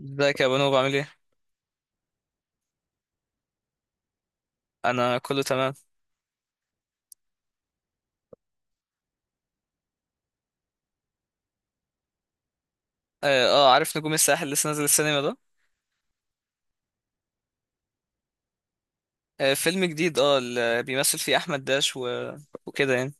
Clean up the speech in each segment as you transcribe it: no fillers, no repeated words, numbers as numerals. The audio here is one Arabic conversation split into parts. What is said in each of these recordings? ازيك يا بنوب، عامل ايه؟ انا كله تمام. اه، عارف نجوم الساحل لسه نازل السينما ده. آه، فيلم جديد، اللي بيمثل فيه احمد داش وكده يعني.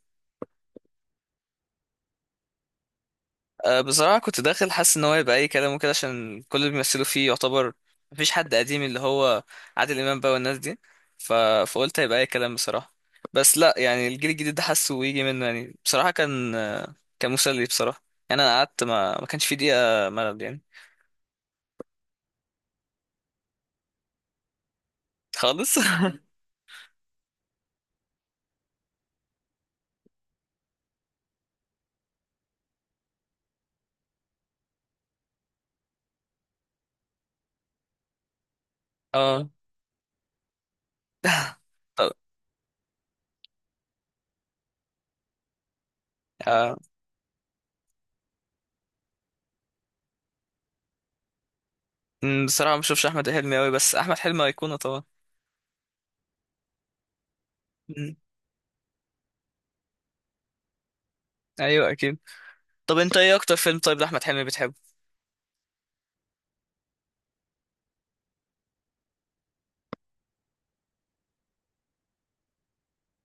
آه، بصراحة كنت داخل حاسس ان هو يبقى اي كلام وكده، عشان كل اللي بيمثلوا فيه يعتبر مفيش حد قديم، اللي هو عادل امام بقى والناس دي. ف... فقلت هيبقى اي كلام بصراحة. بس لا، يعني الجيل الجديد ده حاسه ويجي منه يعني، بصراحة كان كان مسلي بصراحة. يعني انا قعدت ما كانش في دقيقة ملل يعني. خالص. اه. طب. آه. بصراحة ما بشوفش أحمد حلمي أوي، بس أحمد حلمي أيقونة طبعا. مم، أيوه أكيد. طب أنت إيه أكتر فيلم طيب لأحمد حلمي بتحبه؟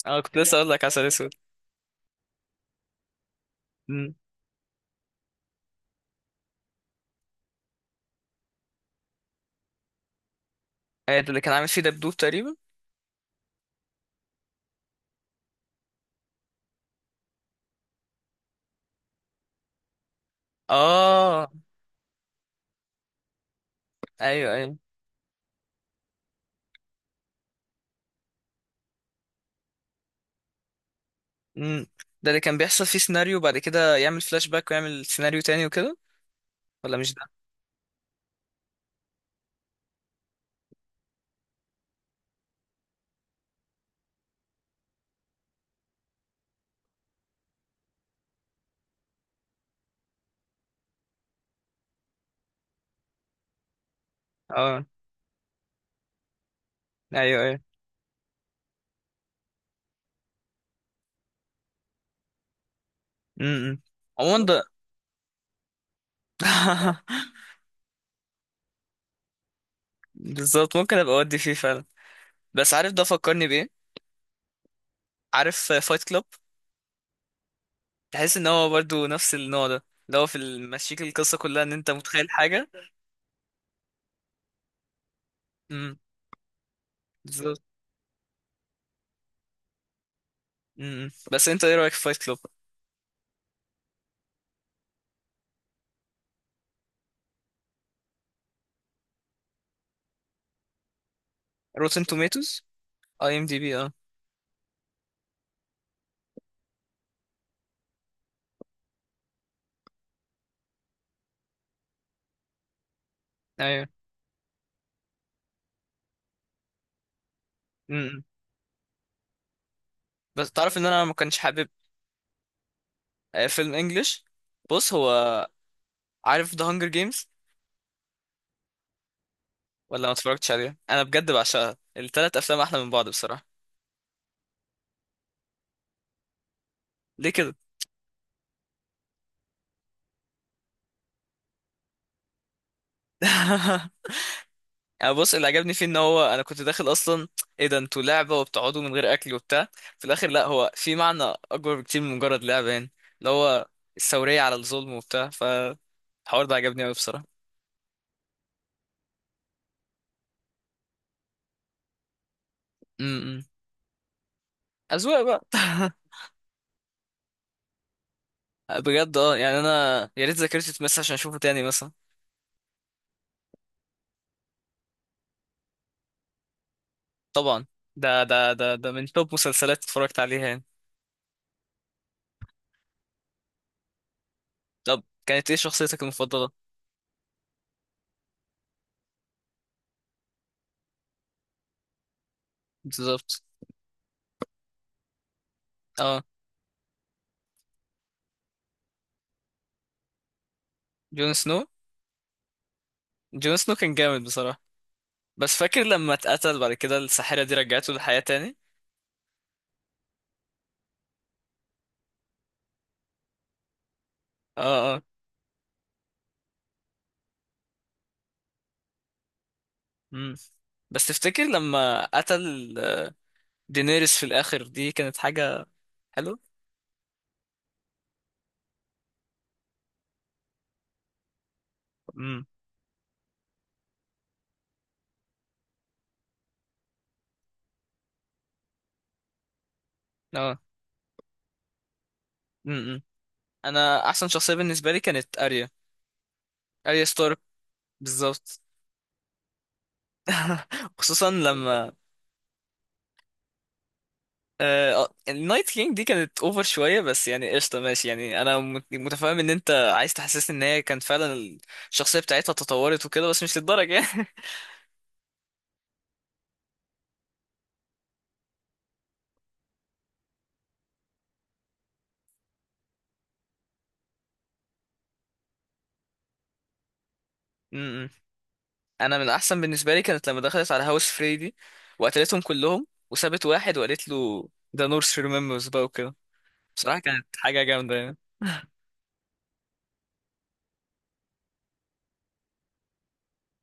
أنا كنت لسه أقول لك عسل أسود. مم. أيوة، ده اللي كان عامل فيه دبدوب تقريبا. آه، أيوه أيوه. مم. ده اللي كان بيحصل فيه سيناريو وبعد كده يعمل فلاش باك ويعمل سيناريو تاني وكده، ولا مش ده؟ آه، أيوه أيوه. مم. عموما ده. بالظبط، ممكن أبقى أودي فيه فعلا. بس عارف ده فكرني بإيه؟ عارف فايت كلاب؟ تحس ان هو برضو نفس النوع ده، اللي هو في المشيك القصه كلها ان انت متخيل حاجه. امم. بالظبط. امم، إمم. بس انت ايه رايك في فايت كلوب؟ روتن توميتوز. اي ام دي بي، اه. ايوه. امم، إمم. بس تعرف ان انا ما كنتش حابب. فيلم انجلش. بص، هو عارف ذا هانجر جيمز ولا ما اتفرجتش عليه؟ انا بجد بعشقها، التلات افلام احلى من بعض بصراحه. ليه كده؟ أنا بص، اللي عجبني فيه ان هو انا كنت داخل اصلا، ايه ده انتوا لعبه وبتقعدوا من غير اكل وبتاع. في الاخر لا، هو في معنى اكبر بكتير من مجرد لعبه يعني، اللي هو الثوريه على الظلم وبتاع، فالحوار ده عجبني قوي بصراحه. امم. اذواق بقى. بجد اه، يعني انا يا ريت ذاكرتي تمس عشان اشوفه تاني مثلا. طبعا، ده من توب مسلسلات اتفرجت عليها يعني. طب كانت ايه شخصيتك المفضله؟ بالظبط، اه. جون سنو. جون سنو كان جامد بصراحه. بس فاكر لما اتقتل بعد كده الساحرة دي رجعته للحياة تاني. اه اه. مم. بس تفتكر لما قتل دينيريس في الاخر، دي كانت حاجة حلوة. امم. اه. امم. انا احسن شخصية بالنسبة لي كانت اريا ستارك. بالظبط. خصوصا لما النايت كينج دي كانت اوفر شوية، بس يعني قشطة ماشي، يعني انا متفاهم ان انت عايز تحسسني ان هي كانت فعلا الشخصية بتاعتها تطورت وكده، بس مش للدرجة يعني. انا من الاحسن بالنسبه لي كانت لما دخلت على هاوس فريدي وقتلتهم كلهم وسابت واحد وقالت له ده نورث ريممبرز بقى وكده. بصراحه كانت حاجه جامده يعني.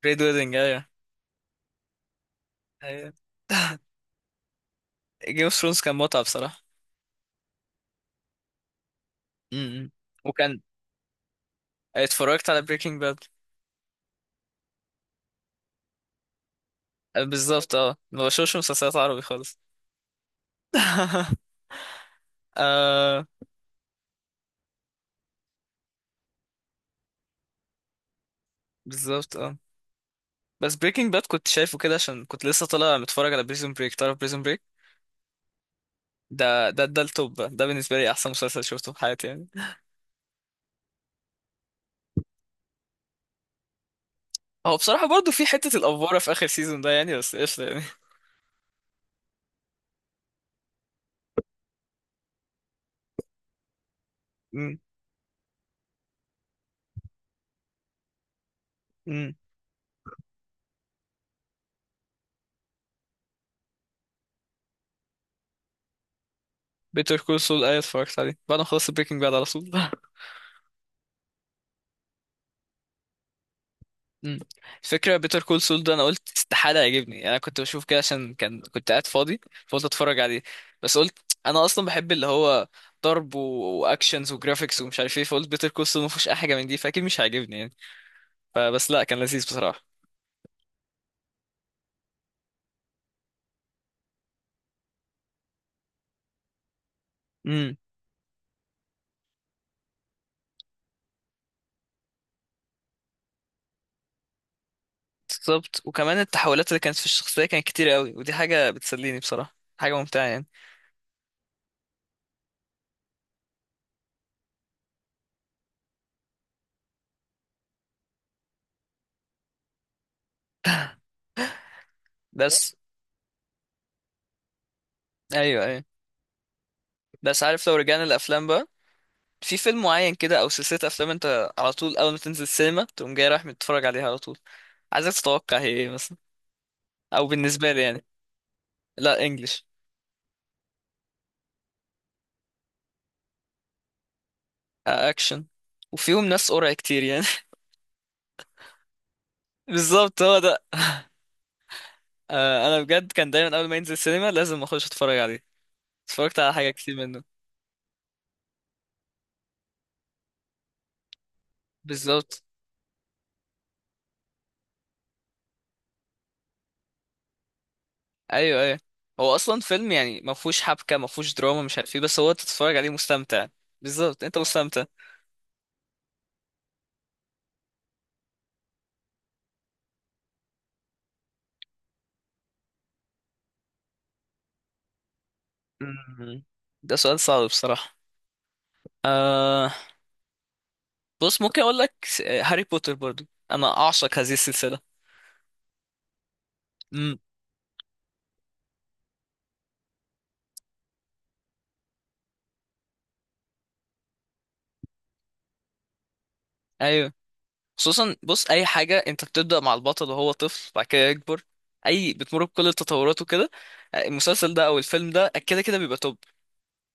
ريد ويدنج، ايوه. ايوه. جيم اوف ثرونز كان متعه بصراحه. امم. وكان اتفرجت على بريكنج باد. بالظبط اه، ما بشوفش مسلسلات عربي خالص. آه. بالظبط اه. بس بريكنج باد كنت شايفه كده عشان كنت لسه طالع متفرج على بريزون بريك، تعرف بريزون بريك؟ ده التوب بقى. ده بالنسبه لي احسن مسلسل شفته في حياتي يعني. هو بصراحة برضو في حتة الأفوارة في آخر سيزون ده يعني، بس قشطة يعني. امم. امم. بيتر كول سول، أيوة اتفرجت عليه بعد ما خلصت بريكنج باد على طول. امم. فكرة بيتر كول سول ده، أنا قلت استحالة يعجبني، يعني أنا كنت بشوف كده عشان كنت قاعد فاضي، فقلت أتفرج عليه. بس قلت أنا أصلا بحب اللي هو ضرب وأكشنز وجرافيكس ومش عارف إيه، فقلت بيتر كول سول مفيهوش أي حاجة من دي، فأكيد مش هيعجبني يعني. فبس لأ، كان لذيذ بصراحة. امم. بالظبط، وكمان التحولات اللي كانت في الشخصية كانت كتير قوي، ودي حاجة بتسليني بصراحة، حاجة ممتعة يعني. بس ايوه ايوه. بس عارف لو رجعنا الافلام بقى، في فيلم معين كده او سلسله افلام انت على طول اول ما تنزل السينما تقوم جاي رايح متتفرج عليها على طول، عايزك تتوقع هي ايه مثلا، او بالنسبه لي يعني. لا، انجلش. اكشن، وفيهم ناس قرع كتير يعني. بالظبط، هو ده. انا بجد كان دايما اول ما ينزل السينما لازم اخش اتفرج عليه، اتفرجت على حاجه كتير منه. بالظبط، ايوه ايوه. هو اصلا فيلم يعني ما فيهوش حبكه ما فيهوش دراما مش عارف ايه، بس هو تتفرج عليه مستمتع. بالظبط، انت مستمتع. مم. ده سؤال صعب بصراحه. آه بص، ممكن اقول لك، هاري بوتر. برضو انا اعشق هذه السلسله. امم. ايوه. خصوصا بص، اي حاجه انت بتبدا مع البطل وهو طفل بعد كده يكبر، اي بتمر بكل التطورات وكده، المسلسل ده او الفيلم ده كده كده بيبقى توب.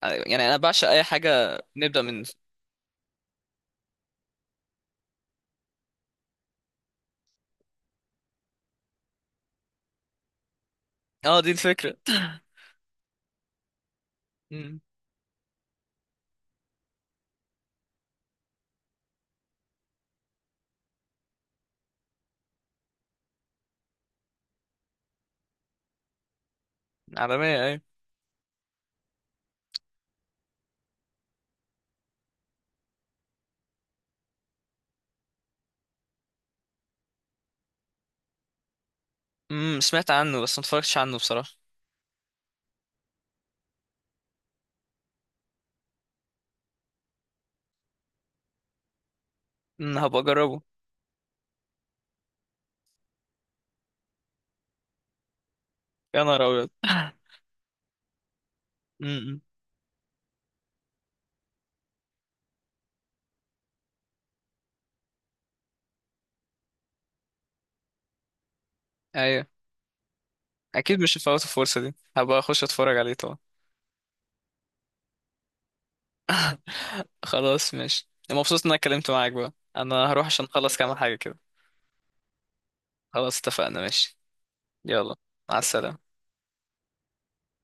يعني انا بعشق اي حاجه نبدا من. اه، دي الفكره. امم. عالميه، ايوه. امم، سمعت عنه بس ما اتفرجتش عنه بصراحه. امم، هبقى اجربه. يا نهار ابيض. امم. ايوه اكيد مش هفوت الفرصه دي، هبقى اخش اتفرج عليه طبعا. خلاص ماشي، مبسوط ان انا اتكلمت معاك بقى. انا هروح عشان اخلص كام حاجة كده. خلاص اتفقنا، ماشي. يلا، مع السلامة.